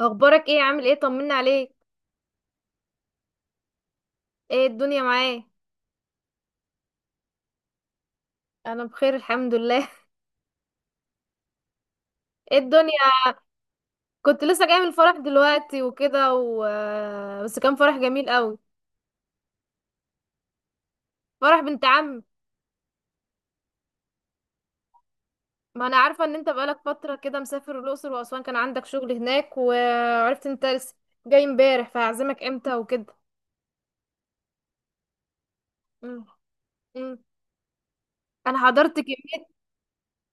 اخبارك ايه؟ عامل ايه؟ طمنا عليك. ايه الدنيا معاك؟ انا بخير الحمد لله. ايه الدنيا؟ كنت لسه جايه من الفرح دلوقتي وكده. بس كان فرح جميل قوي. فرح بنت عم. ما انا عارفه ان انت بقالك فتره كده مسافر الاقصر واسوان، كان عندك شغل هناك، وعرفت انت لسه جاي امبارح، فهعزمك امتى وكده؟ مم. مم. انا حضرت كميه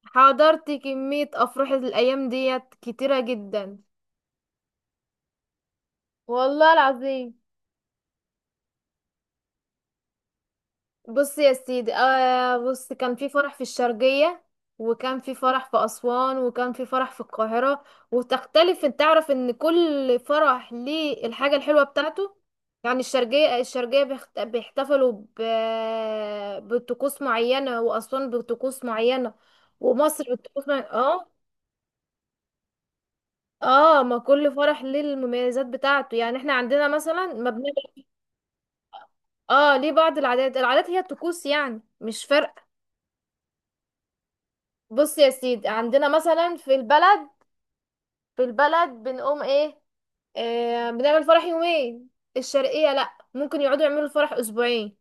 حضرت كميه افراح الايام ديت كتيره جدا. والله العظيم. بص يا سيدي، آه بص كان في فرح في الشرقية، وكان في فرح في أسوان، وكان في فرح في القاهرة. وتختلف، انت تعرف ان كل فرح ليه الحاجة الحلوة بتاعته. يعني الشرقية بيحتفلوا بطقوس معينة، وأسوان بطقوس معينة، ومصر بطقوس معينة. اه. اه، ما كل فرح ليه المميزات بتاعته، يعني احنا عندنا مثلا ما بنعمل. اه، ليه بعض العادات، العادات هي الطقوس يعني، مش فارقة. بص يا سيدي، عندنا مثلا في البلد. بنقوم ايه؟ آه، بنعمل فرح يومين. الشرقية لا، ممكن يقعدوا يعملوا الفرح اسبوعين.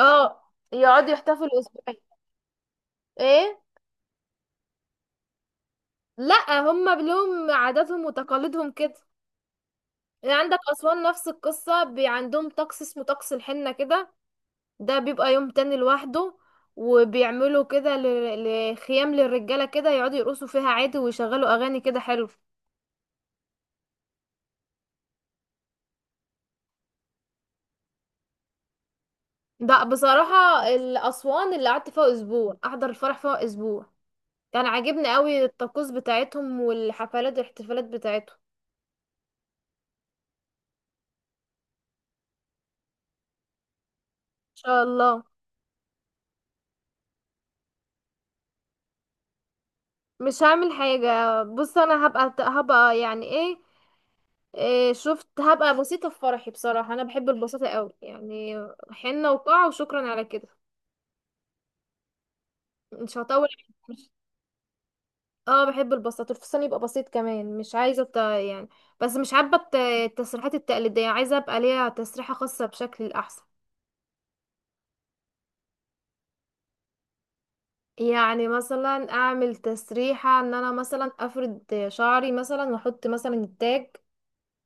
اه، يقعدوا يحتفلوا اسبوعين. ايه. لا، هما لهم عاداتهم وتقاليدهم كده. يعني عندك اسوان نفس القصة، عندهم طقس اسمه طقس الحنة كده. ده بيبقى يوم تاني لوحده. وبيعملوا كده لخيام للرجالة كده، يقعدوا يرقصوا فيها عادي، ويشغلوا اغاني كده حلو. ده بصراحة الأسوان اللي قعدت فيها أسبوع، أحضر الفرح فيها أسبوع. كان عاجبني قوي الطقوس بتاعتهم والحفلات والاحتفالات بتاعتهم. إن شاء الله. مش هعمل حاجة. بص، أنا هبقى يعني إيه، إيه شفت، هبقى بسيطة في فرحي. بصراحة أنا بحب البساطة قوي يعني، حنة وقاعة وشكرا على كده. مش هطول. مش- اه، بحب البساطة، الفستان يبقى بسيط كمان، مش عايزة يعني. بس مش حابة التسريحات التقليدية، عايزة أبقى ليها تسريحة خاصة بشكل أحسن. يعني مثلا اعمل تسريحة ان انا مثلا افرد شعري مثلا، واحط مثلا التاج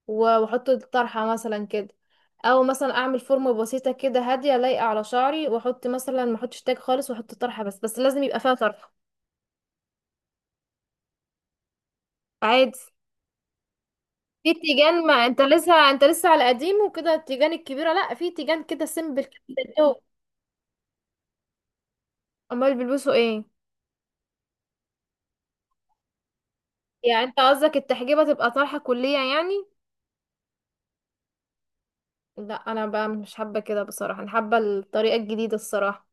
و- واحط الطرحة مثلا كده. او مثلا اعمل فورمة بسيطة كده، هادية لايقة على شعري، واحط مثلا، ما احطش تاج خالص، واحط طرحة بس، بس لازم يبقى فيها طرحة. عادي. في تيجان، ما انت لسه على قديم وكده، التيجان الكبيرة لا، في تيجان كده سيمبل كده. امال بيلبسوا ايه؟ يعني انت قصدك التحجيبة تبقى طرحة كلية يعني؟ لا انا بقى مش حابة كده بصراحة، انا حابة الطريقة الجديدة الصراحة.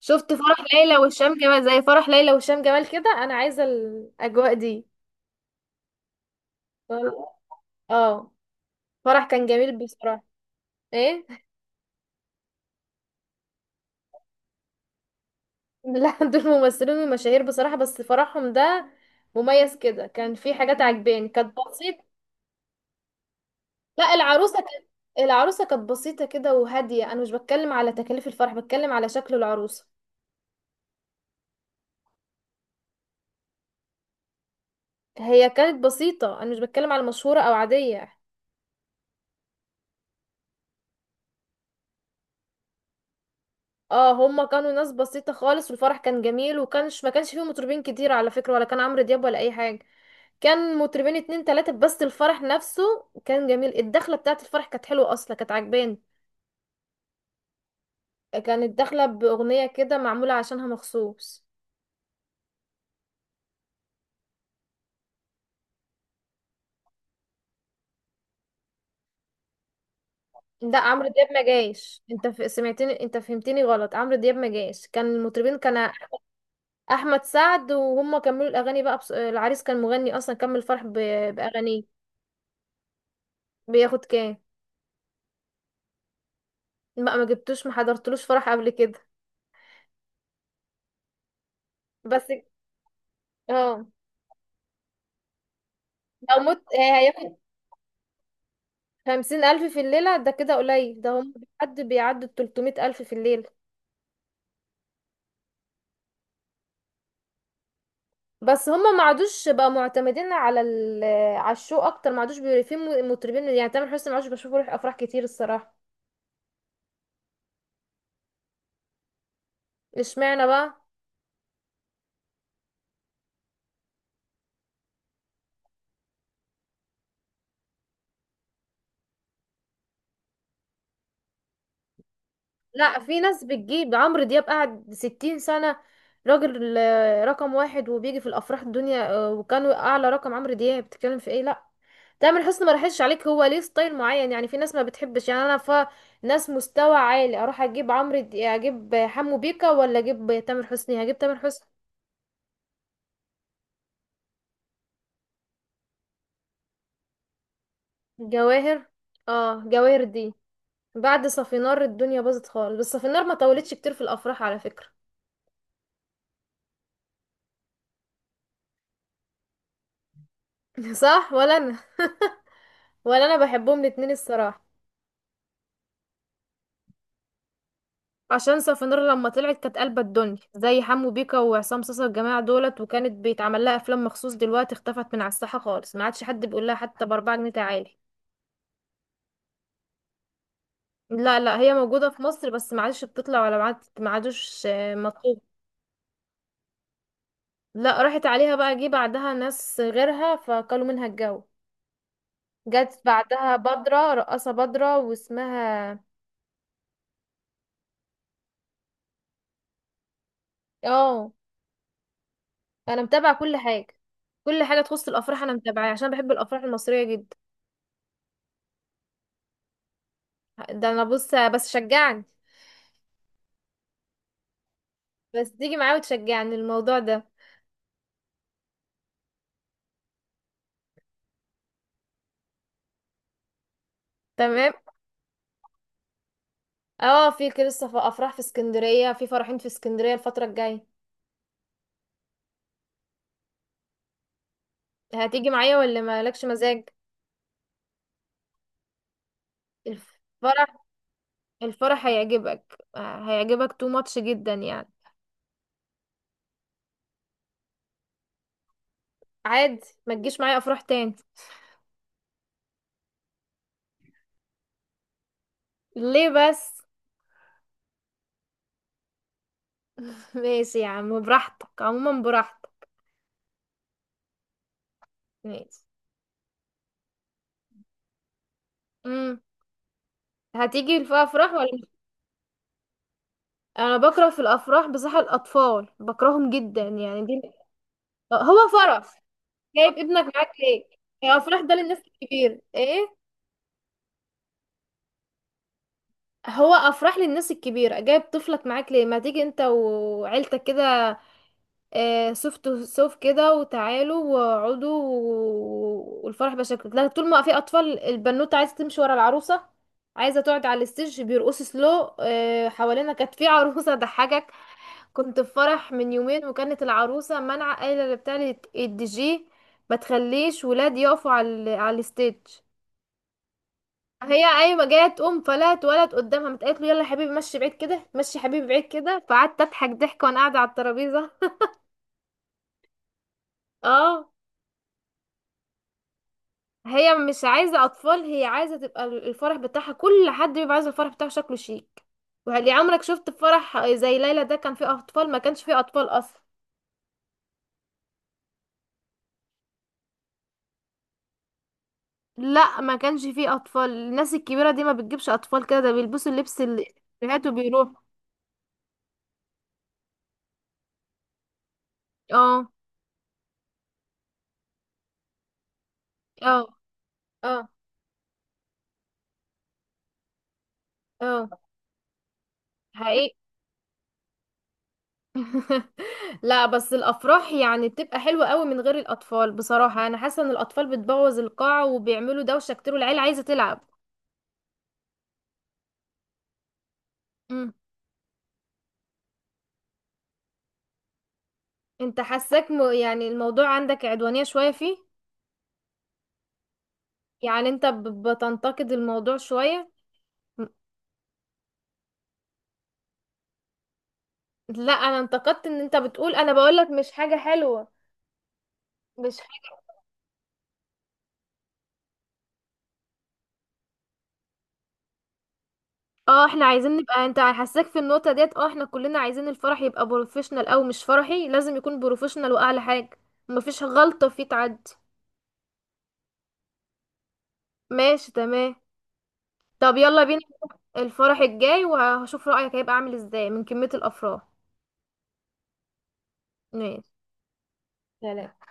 شفت فرح ليلى وهشام جمال؟ زي فرح ليلى وهشام جمال كده، انا عايزه الاجواء دي. اه. فرح كان جميل بصراحه. ايه. لا، دول ممثلين ومشاهير بصراحه، بس فرحهم ده مميز كده، كان في حاجات عجباني، كانت بسيط. لا، العروسه كانت بسيطه كده وهاديه، انا مش بتكلم على تكاليف الفرح، بتكلم على شكل العروسه. هي كانت بسيطه، انا مش بتكلم على مشهوره او عاديه. اه، هما كانوا ناس بسيطة خالص، والفرح كان جميل، ما كانش فيه مطربين كتير على فكرة، ولا كان عمرو دياب ولا اي حاجة. كان مطربين اتنين تلاتة بس. الفرح نفسه كان جميل، الدخلة بتاعة الفرح كانت حلوة اصلا، كانت عجباني. كانت داخلة بأغنية كده معمولة عشانها مخصوص. لا، عمرو دياب ما جايش، انت سمعتني، انت فهمتني غلط، عمرو دياب ما جايش، كان المطربين احمد سعد، وهم كملوا الاغاني بقى. العريس كان مغني اصلا، كمل الفرح باغانيه. بياخد كام؟ لا، ما جبتوش، ما حضرتلوش فرح قبل كده. بس. اه. لو مت هياخد 50,000 في الليلة، ده كده قليل، ده هم حد بيعدوا 300,000 في الليلة. بس هم ما عادوش بقى معتمدين على على الشو أكتر، ما عادوش في مطربين يعني، تامر حسني ما عادش بشوفه يروح أفراح كتير الصراحة. اشمعنى بقى؟ لا، في ناس بتجيب عمرو دياب، قعد 60 سنة راجل، رقم واحد، وبيجي في الأفراح الدنيا، وكان أعلى رقم، عمرو دياب بتتكلم في ايه؟ لا، تامر حسني ما راحش عليك، هو ليه ستايل معين يعني، في ناس ما بتحبش يعني، انا ناس مستوى عالي، اروح اجيب اجيب حمو بيكا ولا اجيب تامر حسني؟ هجيب تامر حسني. جواهر. اه، جواهر دي. بعد صافينار الدنيا باظت خالص، بس صافينار ما طولتش كتير في الافراح على فكرة. صح. ولا انا. ولا انا بحبهم الاتنين الصراحة. عشان صافينار لما طلعت كانت قلبة الدنيا، زي حمو بيكا وعصام صاصا، الجماعة دولت، وكانت بيتعمل لها افلام مخصوص، دلوقتي اختفت من على الساحة خالص، ما عادش حد بيقول لها حتى ب4 جنيه تعالي. لا لا، هي موجودة في مصر، بس ما عادش بتطلع، ولا ما عادوش مطلوب. لا، راحت عليها بقى، جه بعدها ناس غيرها فكلوا منها الجو. جت بعدها بدرة، رقاصة بدرة، واسمها. اه، انا متابعة كل حاجة. كل حاجة تخص الافراح انا متابعاها عشان بحب الافراح المصرية جدا. ده انا بص، بس شجعني. بس تيجي معايا وتشجعني الموضوع ده. تمام. اه في كده، لسه في افراح في اسكندرية، في فرحين في اسكندرية الفترة الجاية. هتيجي معايا ولا مالكش مزاج؟ الفرح الفرح هيعجبك، هيعجبك تو ماتش جدا يعني. عادي، ما تجيش معايا افراح تاني. ليه بس؟ ماشي يا عم براحتك، عموما براحتك. ماشي. امم هتيجي في افراح ولا مش؟ انا بكره في الافراح بصراحه، الاطفال بكرههم جدا يعني دي. هو فرح؟ جايب ابنك معاك ليه؟ هي افراح ده للناس الكبيره ايه؟ هو افراح للناس الكبيره، جايب طفلك معاك ليه؟ ما تيجي انت وعيلتك كده، آه، صف كده وتعالوا واقعدوا والفرح بشكل، لا، طول ما في اطفال، البنوته عايزه تمشي ورا العروسه، عايزه تقعد على الستيج بيرقصوا سلو. آه، حوالينا كانت في عروسه ضحكك. كنت في فرح من يومين، وكانت العروسه منع قايله بتاع الدي جي ما تخليش ولاد يقفوا على على الستيج. هي قايمه جايه تقوم فلا اتولد قدامها، متقالت له يلا يا حبيبي مشي بعيد كده، مشي يا حبيبي بعيد كده، فقعدت اضحك ضحك وانا قاعده على الترابيزه. اه. هي مش عايزة أطفال، هي عايزة تبقى الفرح بتاعها، كل حد بيبقى عايز الفرح بتاعه شكله شيك. وهل عمرك شفت فرح زي ليلى ده كان فيه أطفال ما كانش فيه أطفال أصلا؟ لا، ما كانش فيه أطفال، الناس الكبيرة دي ما بتجيبش أطفال كده، ده بيلبسوا اللبس اللي هاتوا بيروحوا. اه. اه. اه. اه. حقيقي. لا بس الافراح يعني بتبقى حلوه قوي من غير الاطفال بصراحه، انا حاسه ان الاطفال بتبوظ القاعه وبيعملوا دوشه كتير، والعيله عايزه تلعب. انت حاساك يعني الموضوع عندك عدوانية شوية فيه. يعني انت بتنتقد الموضوع شوية. م- لا، انا انتقدت ان انت بتقول، انا بقولك مش حاجة حلوة، مش حاجة. اه احنا عايزين نبقى، انت حاساك في النقطة ديت، اه احنا كلنا عايزين الفرح يبقى بروفيشنال، او مش فرحي لازم يكون بروفيشنال واعلى حاجة. مفيش غلطة فيه تعدي. ماشي تمام. طب يلا بينا الفرح الجاي، وهشوف رأيك هيبقى عامل ازاي من كمية الافراح. ماشي. سلام.